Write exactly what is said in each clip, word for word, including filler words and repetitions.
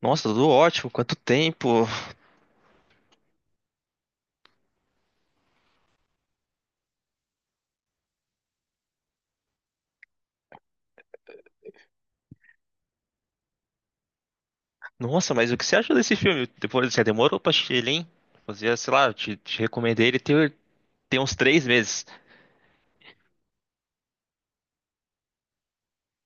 Nossa, tudo ótimo, quanto tempo. Nossa, mas o que você achou desse filme? Depois você demorou pra assistir ele, hein? Fazia, sei lá, eu te, te recomendei ele tem, tem uns três meses.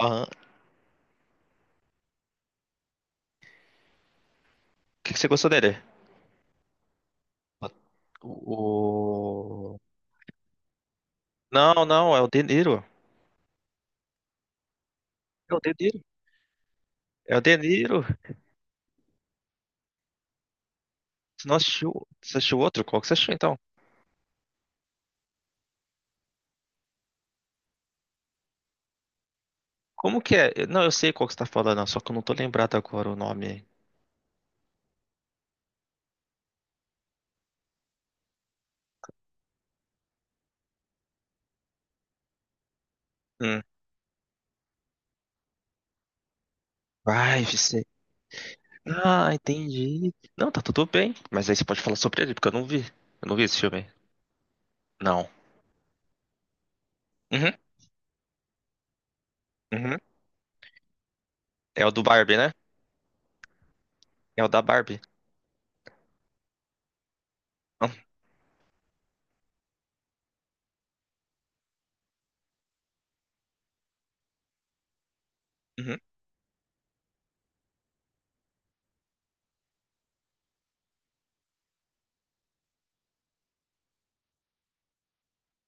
Ah, o que que você gostou dele? O... o- Não, não, é o De Niro. É o Dedeiro. É o De Niro. Você não assistiu, você assistiu outro? Qual que você achou então? Como que é? Eu- Não, eu sei qual que você tá falando, só que eu não tô lembrado agora o nome. Hum. Vai, você. Ah, entendi. Não, tá tudo bem. Mas aí você pode falar sobre ele, porque eu não vi. Eu não vi esse filme. Não. Uhum, uhum. É o do Barbie, né? É o da Barbie. Ah, uhum.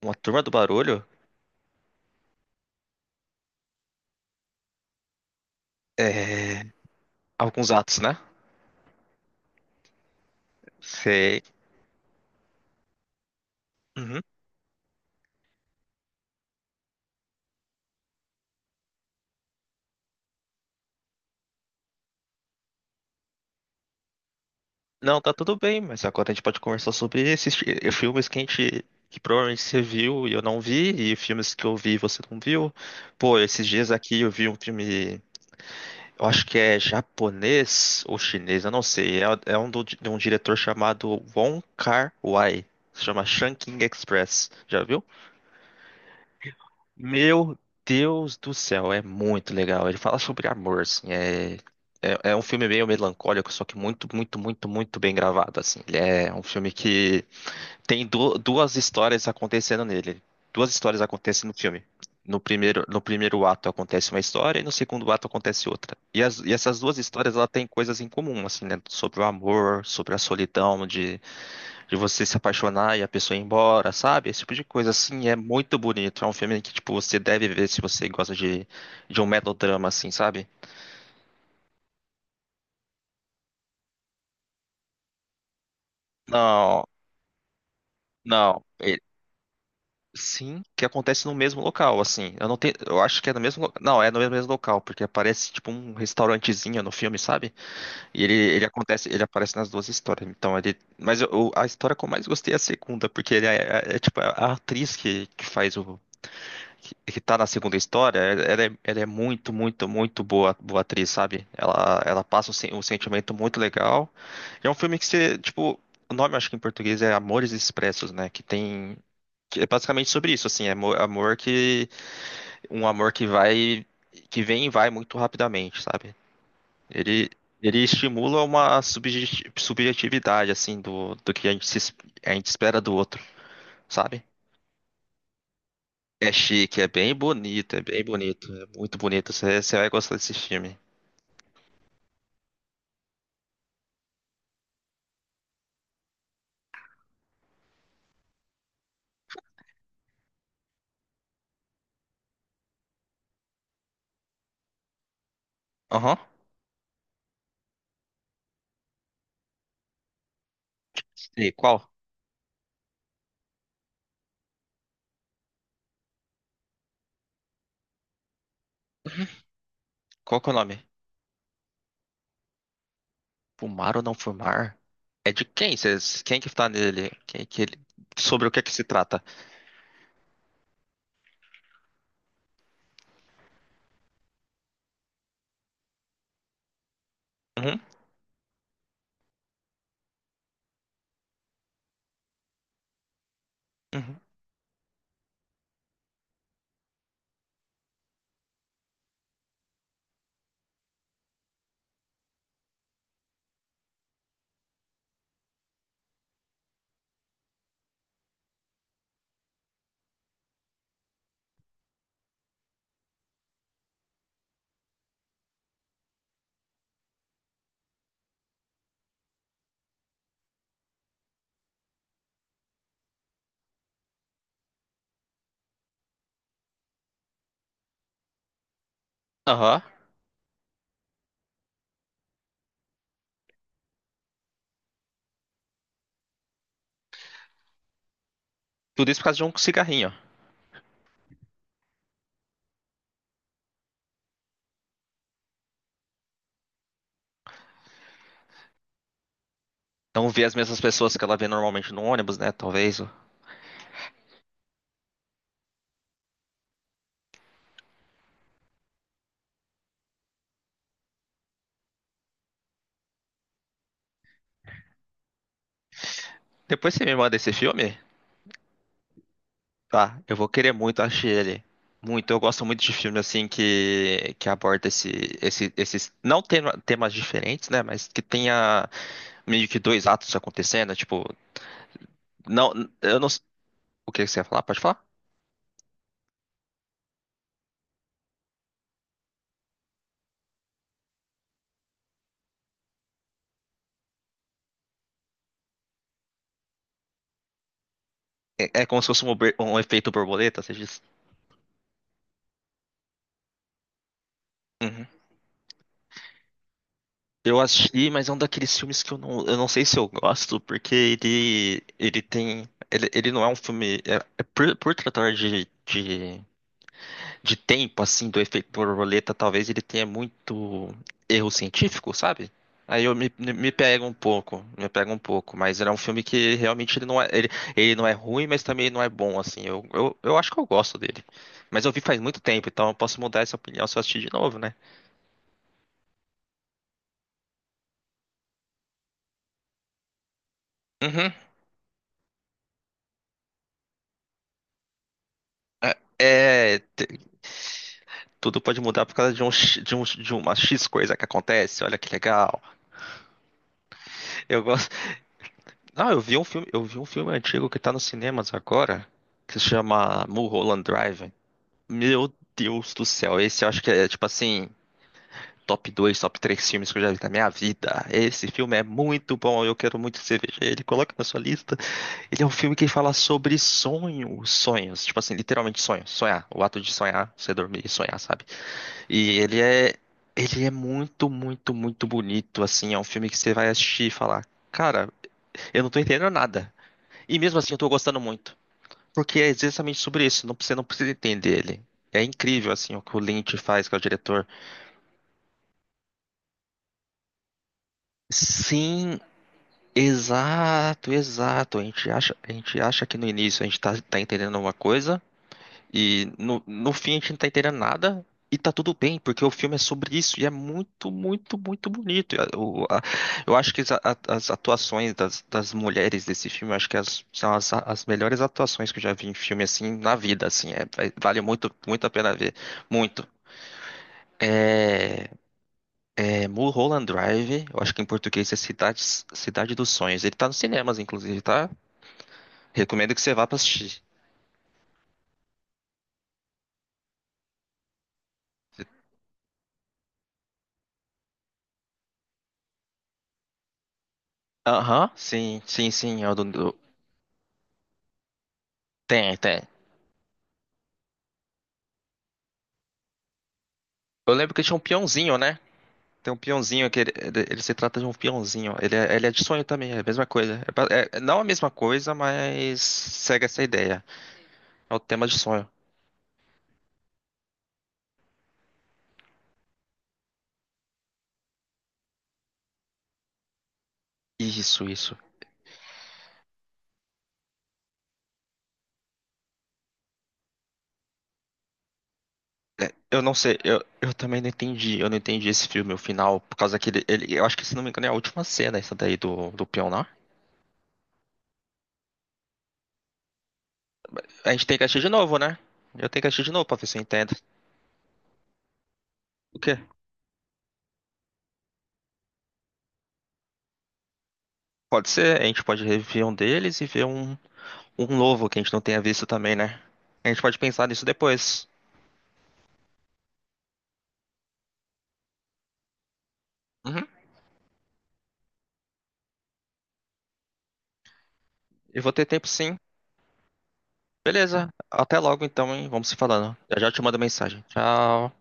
Uma turma do barulho? É. Alguns atos, né? Sei. Uhum. Não, tá tudo bem, mas agora a gente pode conversar sobre esses fi- eh, filmes que a gente. Que provavelmente você viu e eu não vi, e filmes que eu vi e você não viu. Pô, esses dias aqui eu vi um filme. Eu acho que é japonês ou chinês, eu não sei. É, é um do- de um diretor chamado Wong Kar-wai. Se chama Shanking Express. Já viu? Meu Deus do céu, é muito legal. Ele fala sobre amor, assim, é, é, é um filme meio melancólico, só que muito, muito, muito, muito bem gravado, assim. Ele é um filme que tem du- duas histórias acontecendo nele. Duas histórias acontecem no filme. No primeiro, no primeiro ato acontece uma história e no segundo ato acontece outra. E, as- e essas duas histórias, ela tem coisas em comum, assim, né? Sobre o amor, sobre a solidão de você se apaixonar e a pessoa ir embora, sabe? Esse tipo de coisa, assim, é muito bonito. É um filme que, tipo, você deve ver se você gosta de, de um melodrama, assim, sabe? Não, não. E- sim, que acontece no mesmo local, assim. Eu não tenho, eu acho que é no mesmo, lo- não, é no mesmo local, porque aparece, tipo, um restaurantezinho no filme, sabe? E ele, ele acontece, ele aparece nas duas histórias. Então, ele, mas eu, eu- a história que eu mais gostei é a segunda, porque ele é, é- é, tipo, a atriz que, que faz o que que tá na segunda história, ela é, ela é muito, muito, muito boa, boa atriz, sabe? Ela, ela passa um, sen- um sentimento muito legal. E é um filme que você, tipo, o nome acho que em português é Amores Expressos, né? Que tem, que é basicamente sobre isso, assim, é amor, amor que, um amor que vai, que vem e vai muito rapidamente, sabe? Ele, ele estimula uma subjeti- subjetividade, assim, do, do que a gente, se es- a gente espera do outro, sabe? É chique, é bem bonito, é bem bonito. É muito bonito. Você você vai gostar desse filme. Aham. Sei, qual? Qual que é o nome? Fumar ou não fumar? É de quem? Cês, quem que tá nele? Quem que ele, sobre o que é que se trata? Uhum, uhum. Aham. Tudo isso por causa de um cigarrinho. Não vê as mesmas pessoas que ela vê normalmente no ônibus, né? Talvez. Depois você me manda esse filme? Tá, eu vou querer muito assistir ele. Muito, eu gosto muito de filme assim que, que aborda esse, esse- esses, não tema- temas diferentes, né? Mas que tenha meio que dois atos acontecendo, né, tipo, não, eu não, s- o que você ia falar? Pode falar? É, é como se fosse um, obe- um efeito borboleta, você diz? Uhum. Eu assisti, mas é um daqueles filmes que eu não, eu não sei se eu gosto, porque ele, ele tem, ele, ele não é um filme, é, é por, por, tratar de, de de tempo, assim, do efeito borboleta, talvez ele tenha muito erro científico, sabe? Aí eu me, me pego um pouco, me pego um pouco, mas era um filme que realmente ele não é, ele, ele não é ruim, mas também não é bom, assim. Eu, eu, eu acho que eu gosto dele. Mas eu vi faz muito tempo, então eu posso mudar essa opinião se eu assistir de novo, né? Uhum. É, tudo pode mudar por causa de, um, X- de, um, de uma X coisa que acontece, olha que legal. Eu gosto. Não, eu vi um filme, eu vi um filme antigo que tá nos cinemas agora, que se chama Mulholland Drive. Meu Deus do céu, esse eu acho que é tipo assim, top dois, top três filmes que eu já vi na minha vida. Esse filme é muito bom, eu quero muito que você veja ele, coloca na sua lista. Ele é um filme que fala sobre sonhos, sonhos, tipo assim, literalmente sonhos, sonhar, o ato de sonhar, você dormir e sonhar, sabe? E ele é ele é muito, muito, muito bonito, assim, é um filme que você vai assistir e falar, cara, eu não tô entendendo nada. E mesmo assim eu tô gostando muito. Porque é exatamente sobre isso, não, você não precisa entender ele. É incrível, assim, o que o Lynch faz, que é o diretor. Sim, exato, exato. A gente acha, a gente acha que no início a gente tá, tá entendendo uma coisa e no, no fim a gente não tá entendendo nada e tá tudo bem, porque o filme é sobre isso e é muito, muito, muito bonito. Eu, a- o- a- eu acho que as, a- as atuações das, das mulheres desse filme, eu acho que as- são as, as melhores atuações que eu já vi em filme, assim, na vida, assim. É, é, vale muito, muito a pena ver. Muito. É, é Mulholland Drive, eu acho que em português é Cidade, Cidade dos Sonhos. Ele tá nos cinemas, inclusive, tá? Recomendo que você vá pra assistir. Aham, sim, sim, sim. É o do- do- Tem, tem. Eu lembro que tinha um peãozinho, né? Tem um peãozinho que ele, ele- ele se trata de um peãozinho. Ele é, ele é de sonho também, é a mesma coisa. É, pa- é- é não a mesma coisa, mas segue essa ideia. É o tema de sonho. Isso, isso. É, eu não sei, eu, eu também não entendi, eu não entendi esse filme, o final, por causa que ele, ele- eu acho que se não me engano é a última cena essa daí do, do Pionar. A gente tem que assistir de novo, né? Eu tenho que assistir de novo pra ver se eu entendo. O quê? Pode ser, a gente pode rever um deles e ver um, um novo que a gente não tenha visto também, né? A gente pode pensar nisso depois. Uhum. Eu vou ter tempo sim. Beleza, até logo então, hein? Vamos se falando. Eu já te mando mensagem. Tchau.